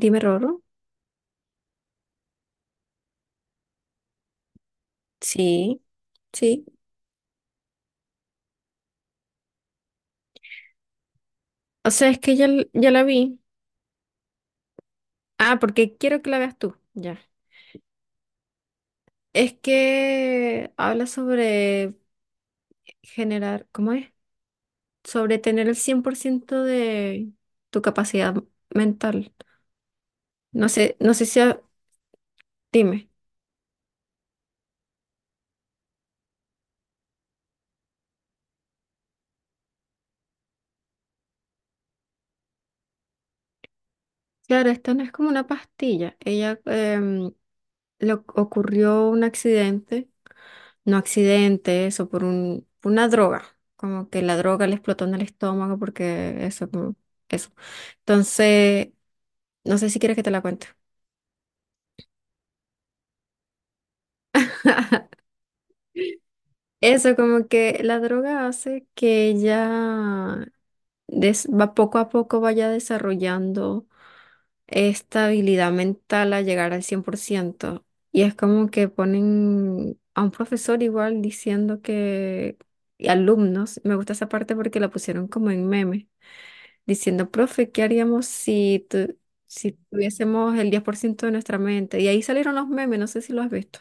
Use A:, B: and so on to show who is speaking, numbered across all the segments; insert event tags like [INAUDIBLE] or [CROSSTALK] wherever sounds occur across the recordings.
A: Dime Roro. Sí, sí. O sea, es que ya, ya la vi. Ah, porque quiero que la veas tú. Ya. Es que habla sobre generar, ¿cómo es? Sobre tener el 100% de tu capacidad mental. No sé, no sé si Dime. Claro, esto no es como una pastilla. Ella le ocurrió un accidente, no accidente, eso, por una droga. Como que la droga le explotó en el estómago porque eso, como, eso. Entonces, no sé si quieres que te la cuente. [LAUGHS] Eso, como que la droga hace que ella va poco a poco vaya desarrollando. Estabilidad mental a llegar al 100%. Y es como que ponen a un profesor igual diciendo que, y alumnos, me gusta esa parte porque la pusieron como en meme, diciendo, profe, ¿qué haríamos si, si tuviésemos el 10% de nuestra mente? Y ahí salieron los memes, no sé si lo has visto.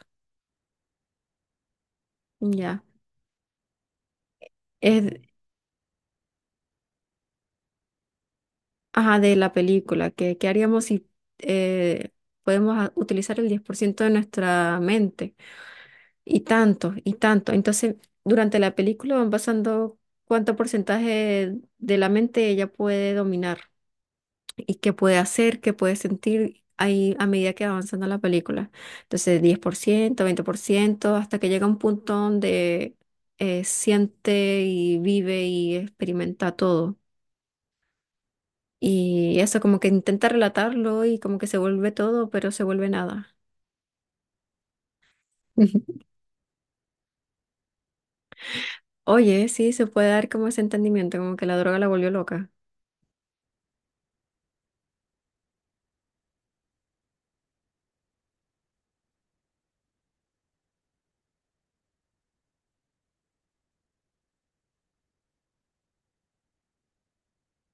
A: Ya. Es, ajá, de la película, que, ¿qué haríamos si eh, podemos utilizar el 10% de nuestra mente? Y tanto, y tanto. Entonces, durante la película van pasando cuánto porcentaje de la mente ella puede dominar y qué puede hacer, qué puede sentir ahí a medida que va avanzando la película. Entonces, 10% 20% hasta que llega un punto donde siente y vive y experimenta todo. Y eso como que intenta relatarlo y como que se vuelve todo, pero se vuelve nada. [LAUGHS] Oye, sí, se puede dar como ese entendimiento, como que la droga la volvió loca.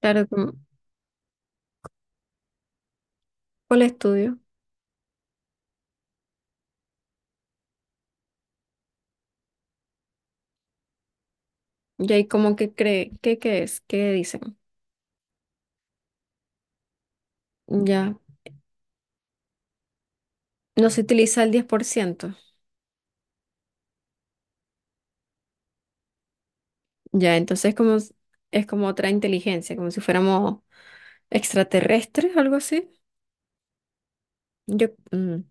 A: Claro, como, ¿cuál estudio? Y ahí como que cree, ¿qué es? ¿Qué dicen? Ya, no se utiliza el 10%. Ya, entonces como, es como otra inteligencia, como si fuéramos extraterrestres, algo así. Yo,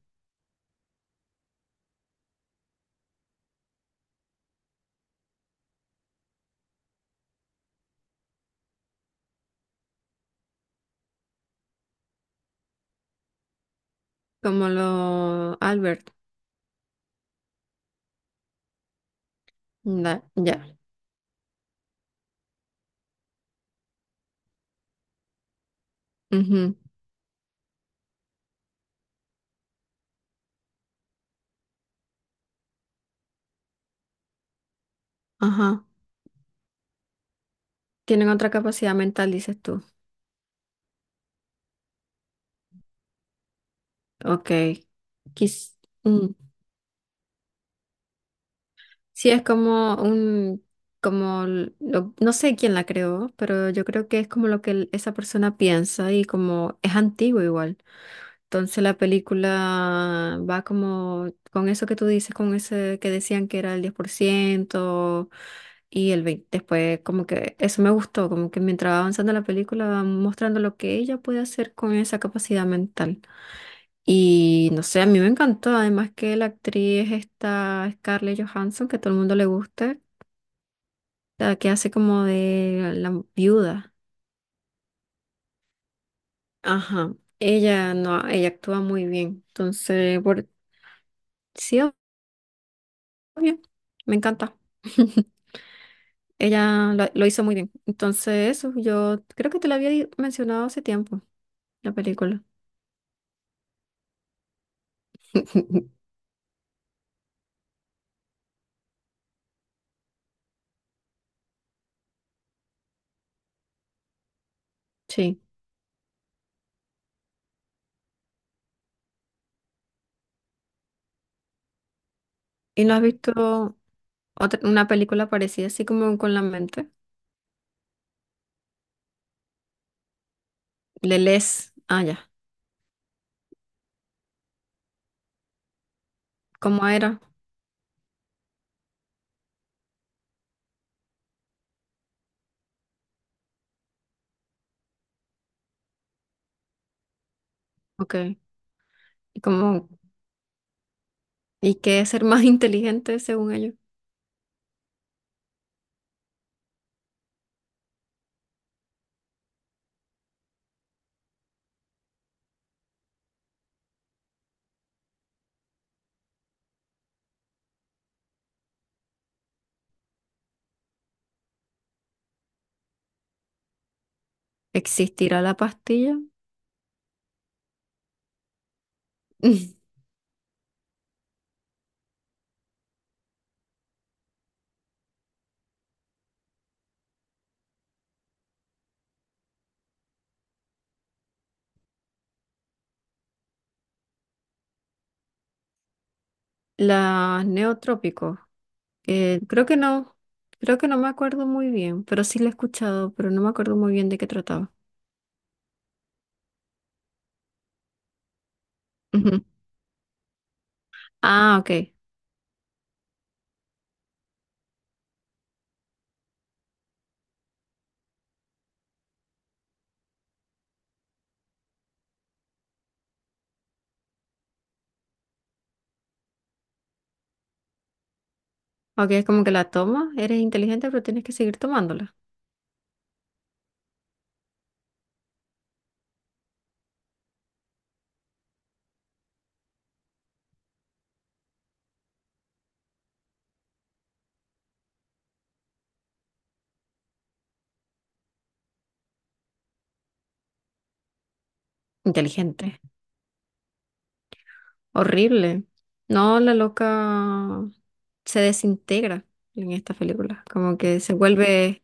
A: como lo Albert. Ya. Ujú, ajá. Tienen otra capacidad mental, dices tú. Ok. Quis, mm. Sí, es como un, como, no sé quién la creó, pero yo creo que es como lo que esa persona piensa y como es antiguo igual. Entonces la película va como con eso que tú dices, con ese que decían que era el 10% y el 20%. Después como que eso me gustó, como que mientras va avanzando la película va mostrando lo que ella puede hacer con esa capacidad mental. Y no sé, a mí me encantó, además que la actriz esta Scarlett Johansson, que a todo el mundo le gusta, la que hace como de la, viuda. Ajá. Ella no, ella actúa muy bien. Entonces, por sí, obvio, me encanta. [LAUGHS] Ella lo hizo muy bien. Entonces, eso, yo creo que te lo había mencionado hace tiempo, la película. [LAUGHS] Sí. ¿Y no has visto otra, una película parecida, así como con la mente? Le lees. Ah, ya. ¿Cómo era? Ok. ¿Y cómo, y qué es ser más [LAUGHS] inteligente según ellos? ¿Existirá la pastilla? [LAUGHS] Las Neotrópicos. Creo que no, creo que no me acuerdo muy bien, pero sí la he escuchado, pero no me acuerdo muy bien de qué trataba. Ujú. Ah, ok. Ok, es como que la tomas, eres inteligente, pero tienes que seguir tomándola. Inteligente. Horrible. No, la loca se desintegra en esta película. Como que se vuelve.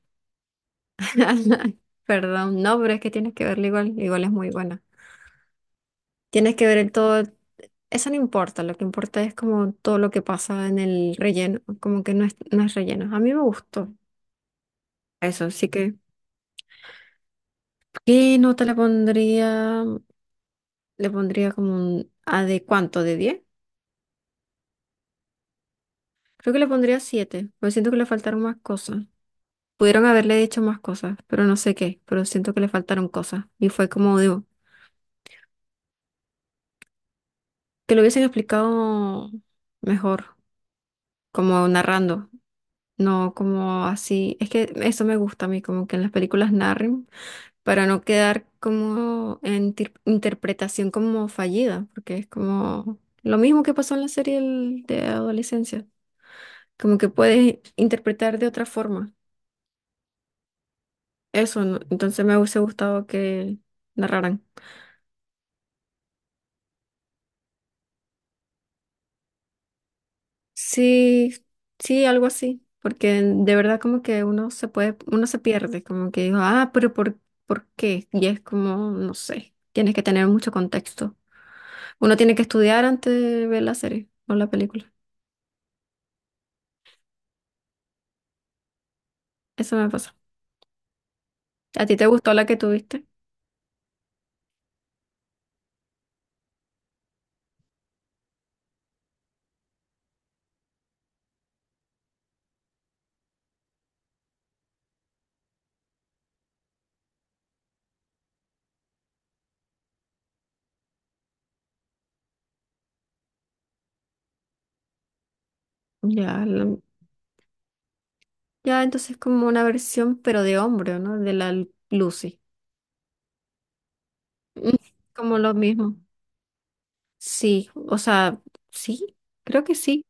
A: [LAUGHS] Perdón, no, pero es que tienes que verla igual. Igual es muy buena. Tienes que ver el todo. Eso no importa, lo que importa es como todo lo que pasa en el relleno, como que no es, no es relleno. A mí me gustó eso, así que ¿qué nota le pondría? Le pondría como un ¿a de cuánto? ¿De diez? Creo que le pondría siete, porque siento que le faltaron más cosas. Pudieron haberle dicho más cosas, pero no sé qué, pero siento que le faltaron cosas. Y fue como, digo, que lo hubiesen explicado mejor, como narrando, no como así. Es que eso me gusta a mí, como que en las películas narren. Para no quedar como en interpretación como fallida, porque es como lo mismo que pasó en la serie de adolescencia, como que puedes interpretar de otra forma. Eso, ¿no? Entonces me hubiese gustado que narraran. Sí, sí, algo así, porque de verdad como que uno se puede, uno se pierde, como que digo, ah, pero ¿por qué? Y es como, no sé, tienes que tener mucho contexto. Uno tiene que estudiar antes de ver la serie o la película. Eso me pasa. ¿A ti te gustó la que tuviste? Ya, ya entonces como una versión, pero de hombre, ¿no? De la Lucy. Mm. Como lo mismo. Sí, o sea, sí, creo que sí.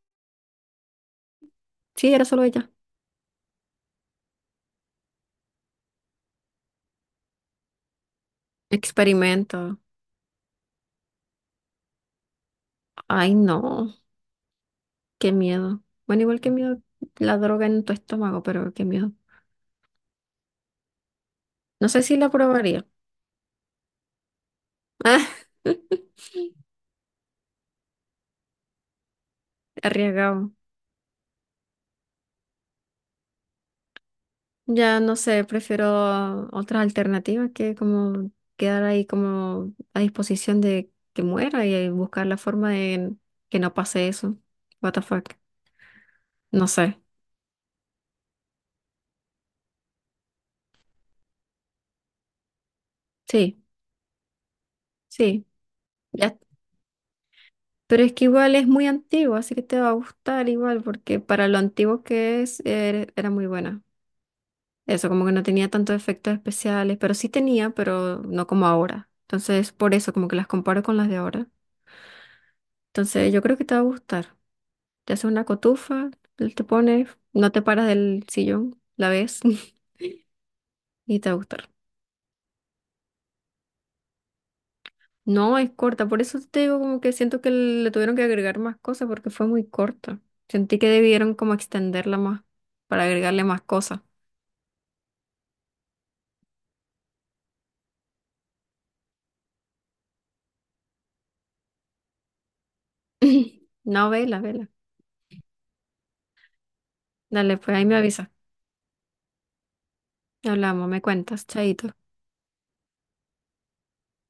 A: Sí, era solo ella. Experimento. Ay, no, qué miedo. Bueno, igual que miedo la droga en tu estómago, pero qué miedo. No sé si la probaría. [LAUGHS] Ah, arriesgado. Ya no sé, prefiero otras alternativas que como quedar ahí como a disposición de que muera y buscar la forma de que no pase eso. What the fuck. No sé. Sí, sí. Ya. Pero es que igual es muy antiguo, así que te va a gustar igual, porque para lo antiguo que es, era muy buena. Eso, como que no tenía tantos efectos especiales, pero sí tenía, pero no como ahora. Entonces, por eso, como que las comparo con las de ahora. Entonces, yo creo que te va a gustar. Te haces una cotufa, te pones, no te paras del sillón, la ves [LAUGHS] y te va a gustar. No, es corta, por eso te digo como que siento que le tuvieron que agregar más cosas porque fue muy corta. Sentí que debieron como extenderla más para agregarle más cosas. [LAUGHS] [CLEARS THROAT] No, vela, vela. Dale, pues ahí me avisa. Hablamos, me cuentas, chaito.